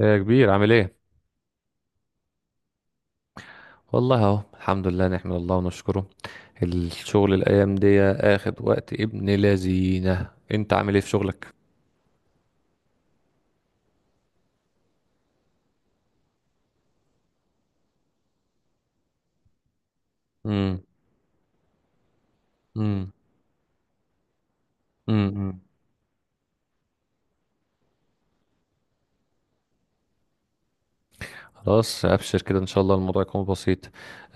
يا كبير، عامل ايه؟ والله اهو الحمد لله، نحمد الله ونشكره. الشغل الايام دي اخد وقت ابن لذينه. انت عامل ايه في شغلك؟ امم. امم. امم. خلاص ابشر كده، ان شاء الله الموضوع يكون بسيط.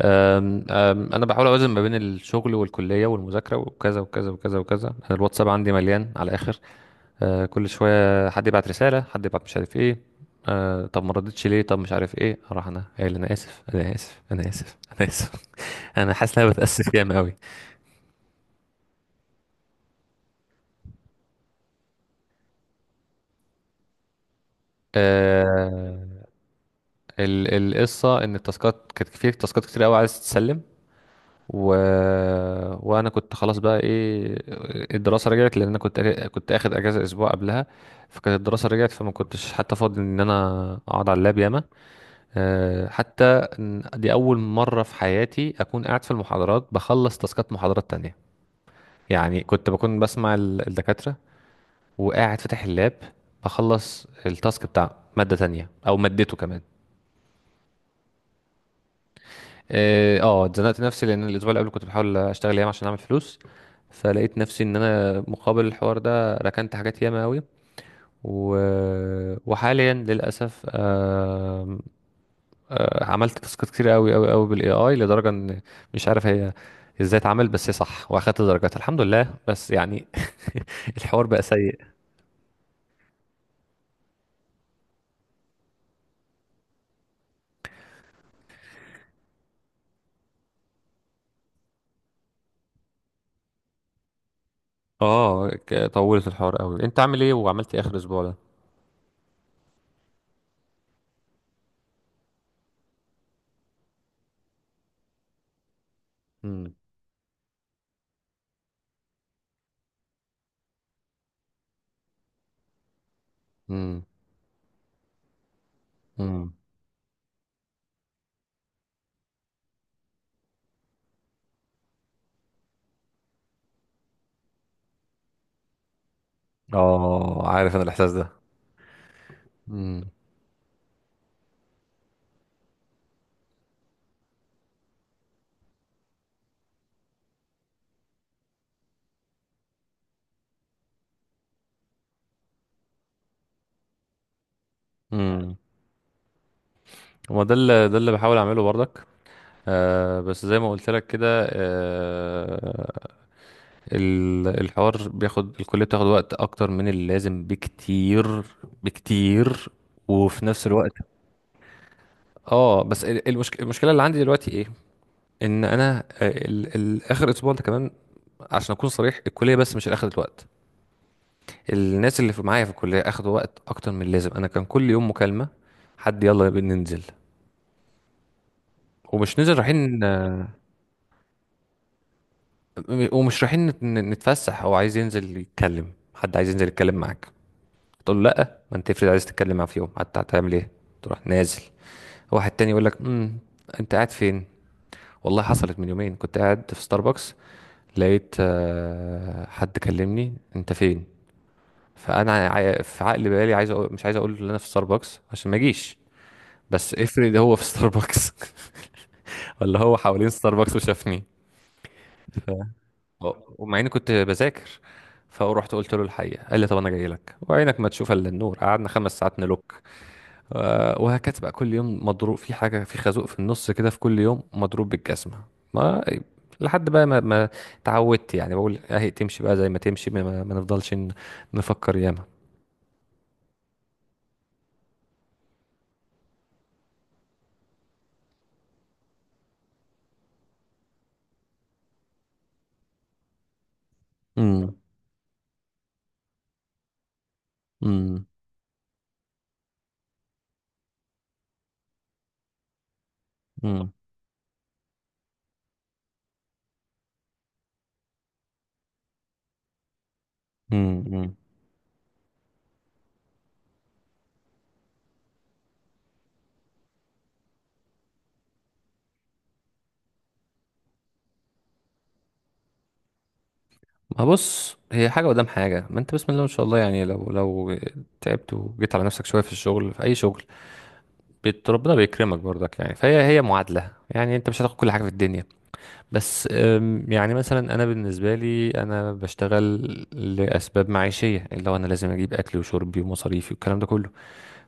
أم أم انا بحاول اوازن ما بين الشغل والكليه والمذاكره وكذا وكذا وكذا وكذا. أنا الواتساب عندي مليان على الاخر. كل شويه حد يبعت رساله، حد يبعت مش عارف ايه. طب ما ردتش ليه، طب مش عارف ايه، اروح انا قايل انا اسف، انا اسف، انا اسف، انا اسف. انا حاسس ان انا بتاسف جامد قوي. آه القصه ان التاسكات كانت، في تاسكات كتير قوي عايز تتسلم. و... وانا كنت خلاص بقى ايه. الدراسه رجعت، لان انا كنت اخد اجازه اسبوع قبلها. فكانت الدراسه رجعت، فما كنتش حتى فاضي ان انا اقعد على اللاب ياما. حتى إن دي اول مره في حياتي اكون قاعد في المحاضرات بخلص تاسكات محاضرات تانية. يعني كنت بكون بسمع الدكاتره، وقاعد فاتح اللاب، بخلص التاسك بتاع مادة تانية او مادته كمان. اتزنقت نفسي، لان الاسبوع اللي قبل كنت بحاول اشتغل ياما عشان اعمل فلوس. فلقيت نفسي ان انا مقابل الحوار ده ركنت حاجات ياما قوي. و... وحاليا للاسف، عملت تاسكات كتير قوي قوي قوي بالاي اي، لدرجه ان مش عارف هي ازاي اتعمل، بس هي صح واخدت درجات الحمد لله، بس يعني الحوار بقى سيء. طولت الحوار قوي. انت عامل ايه، وعملت ايه اخر اسبوع ده؟ مم. امم. امم. اه، عارف انا الاحساس ده. امم. امم. وما ده اللي بحاول اعمله برضك. بس زي ما قلت لك كده. آه الحوار بياخد، الكلية بتاخد وقت اكتر من اللازم بكتير بكتير. وفي نفس الوقت، اه بس المشكلة اللي عندي دلوقتي ايه؟ ان انا، اخر اسبوع ده كمان، عشان اكون صريح، الكلية بس مش اخدت وقت. الناس اللي في معايا في الكلية أخدوا وقت أكتر من اللازم. أنا كان كل يوم مكالمة، حد يلا ننزل، ومش ننزل رايحين، ومش رايحين نتفسح. هو عايز ينزل يتكلم، حد عايز ينزل يتكلم معاك، تقول له لا. ما انت افرض عايز تتكلم معاه في يوم حتى، هتعمل ايه؟ تروح نازل. واحد تاني يقول لك امم، انت قاعد فين؟ والله حصلت من يومين، كنت قاعد في ستاربكس. لقيت حد كلمني، انت فين؟ فانا في عقل بالي عايز أقول، مش عايز اقول ان انا في ستاربكس عشان ما اجيش، بس افرض هو في ستاربكس، ولا هو حوالين ستاربكس وشافني. ف... ومع اني كنت بذاكر، فرحت قلت له الحقيقه. قال لي طب انا جاي لك، وعينك ما تشوف الا النور، قعدنا 5 ساعات نلوك. وهكذا بقى كل يوم مضروب في حاجه، في خازوق في النص كده، في كل يوم مضروب بالجزمه. ما لحد بقى ما ما اتعودت يعني. بقول اهي تمشي بقى زي ما تمشي، ما, ما ما نفضلش نفكر ياما. امم. امم. امم. ما بص، هي حاجة قدام حاجة. ما انت بسم الله ما شاء الله. يعني لو تعبت وجيت على نفسك شوية في الشغل، في أي شغل، ربنا بيكرمك برضك. يعني فهي هي معادلة، يعني انت مش هتاخد كل حاجة في الدنيا. بس يعني مثلا أنا بالنسبة لي أنا بشتغل لأسباب معيشية، اللي هو أنا لازم أجيب أكلي وشربي ومصاريفي والكلام ده كله.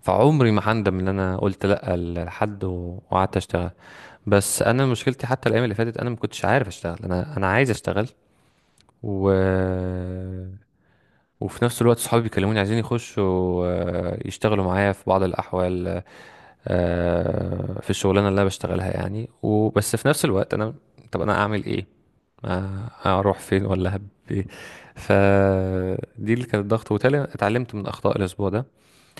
فعمري ما هندم إن أنا قلت لأ لحد وقعدت أشتغل. بس انا مشكلتي حتى الايام اللي فاتت انا ما كنتش عارف اشتغل. انا انا عايز اشتغل، و وفي نفس الوقت صحابي بيكلموني عايزين يخشوا، يشتغلوا معايا في بعض الأحوال، في الشغلانة اللي أنا بشتغلها يعني. وبس في نفس الوقت أنا، طب أنا أعمل إيه؟ ما أروح فين، ولا هب إيه؟ فدي اللي كانت ضغط، وبالتالي اتعلمت من أخطاء الأسبوع ده.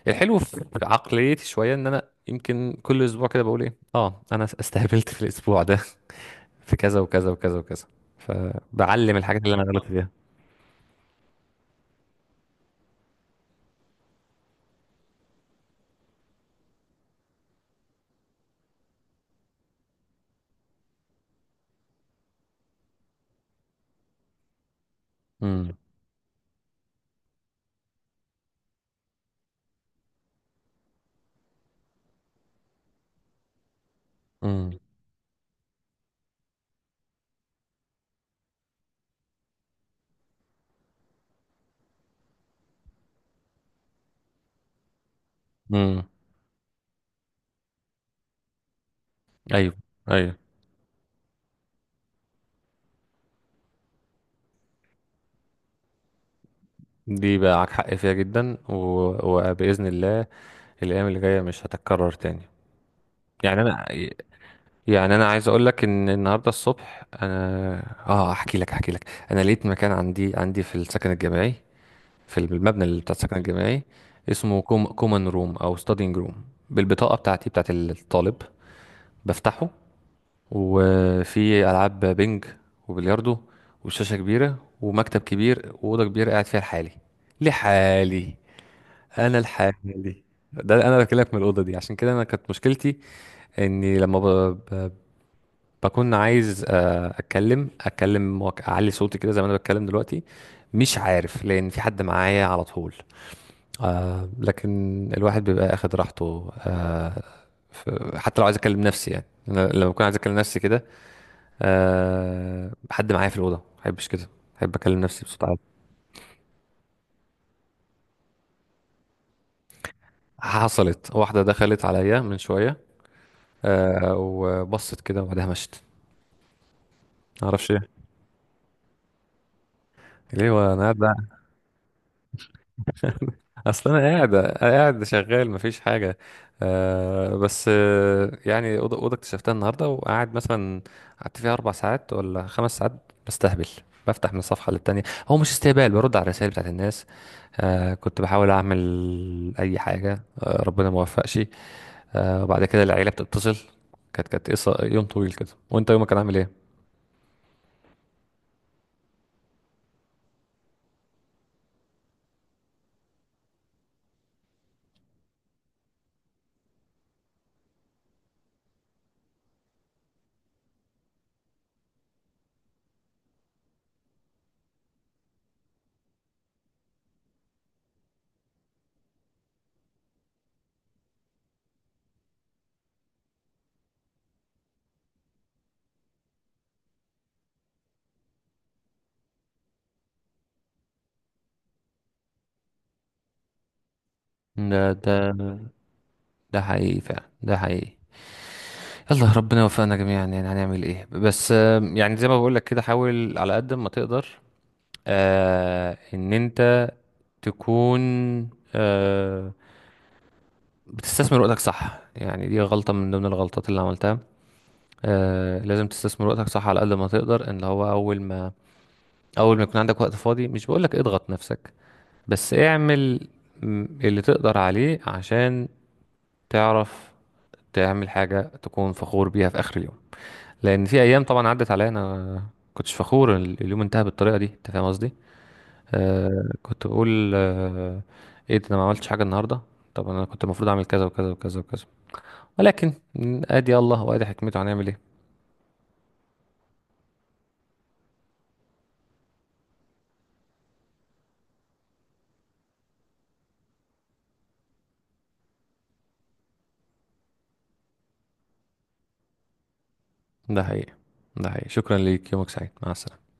الحلو في عقليتي شوية إن أنا يمكن كل أسبوع كده بقول إيه، أنا استهبلت في الأسبوع ده في كذا وكذا وكذا وكذا، فبعلم الحاجات اللي أنا غلطت فيها. امم. امم. امم. ايوه، ايوه. دي بقى معاك حق فيها جدا. وبإذن الله الأيام اللي جاية مش هتتكرر تاني. يعني أنا يعني أنا عايز أقول لك إن النهاردة الصبح أنا، أحكي لك، أنا لقيت مكان عندي، عندي في السكن الجامعي، في المبنى اللي بتاع السكن الجامعي، اسمه كومن روم أو ستادينج روم، بالبطاقة بتاعتي بتاعت الطالب بفتحه، وفي ألعاب بينج وبلياردو وشاشة كبيرة ومكتب كبير وأوضة كبيرة قاعد فيها لحالي، لحالي. انا الحالي. ده انا بكلمك من الاوضه دي، عشان كده انا كانت مشكلتي اني لما ب... بكون عايز، اتكلم اعلي صوتي كده زي ما انا بتكلم دلوقتي. مش عارف لان في حد معايا على طول. لكن الواحد بيبقى اخد راحته. حتى لو عايز اكلم نفسي، يعني انا لما بكون عايز اكلم نفسي كده، حد معايا في الاوضه ما بحبش كده. بحب اكلم نفسي بصوت عالي. حصلت واحده دخلت عليا من شويه، وبصت كده وبعدها مشت. معرفش ايه ليه، وانا قاعد اصل انا قاعد شغال مفيش حاجه. آه بس آه يعني اوضه اكتشفتها النهارده، وقاعد مثلا قعدت فيها 4 ساعات ولا 5 ساعات بستهبل، بفتح من صفحه للتانيه. هو مش استهبال، برد على الرسائل بتاعت الناس. كنت بحاول اعمل اي حاجه، ربنا ما وفقش. وبعد كده العيله بتتصل. كانت يوم طويل كده. وانت يومك كان عامل ايه؟ ده ده ده حقيقي فعلا، ده حقيقي. يلا ربنا يوفقنا جميعا، يعني هنعمل ايه؟ بس يعني زي ما بقول لك كده، حاول على قد ما تقدر ان انت تكون، آه بتستثمر وقتك صح. يعني دي غلطة من ضمن الغلطات اللي عملتها. لازم تستثمر وقتك صح على قد ما تقدر. ان هو اول ما يكون عندك وقت فاضي، مش بقول لك اضغط نفسك، بس اعمل اللي تقدر عليه عشان تعرف تعمل حاجة تكون فخور بيها في آخر اليوم. لان في ايام طبعا عدت عليا انا كنتش فخور، اليوم انتهى بالطريقه دي، انت فاهم قصدي؟ كنت بقول ايه ده، انا ما عملتش حاجه النهارده. طب انا كنت المفروض اعمل كذا وكذا وكذا وكذا. ولكن ادي الله وادي حكمته، هنعمل ايه؟ ده حقيقي، ده حقيقي. شكرا ليك، يومك سعيد، مع السلامه.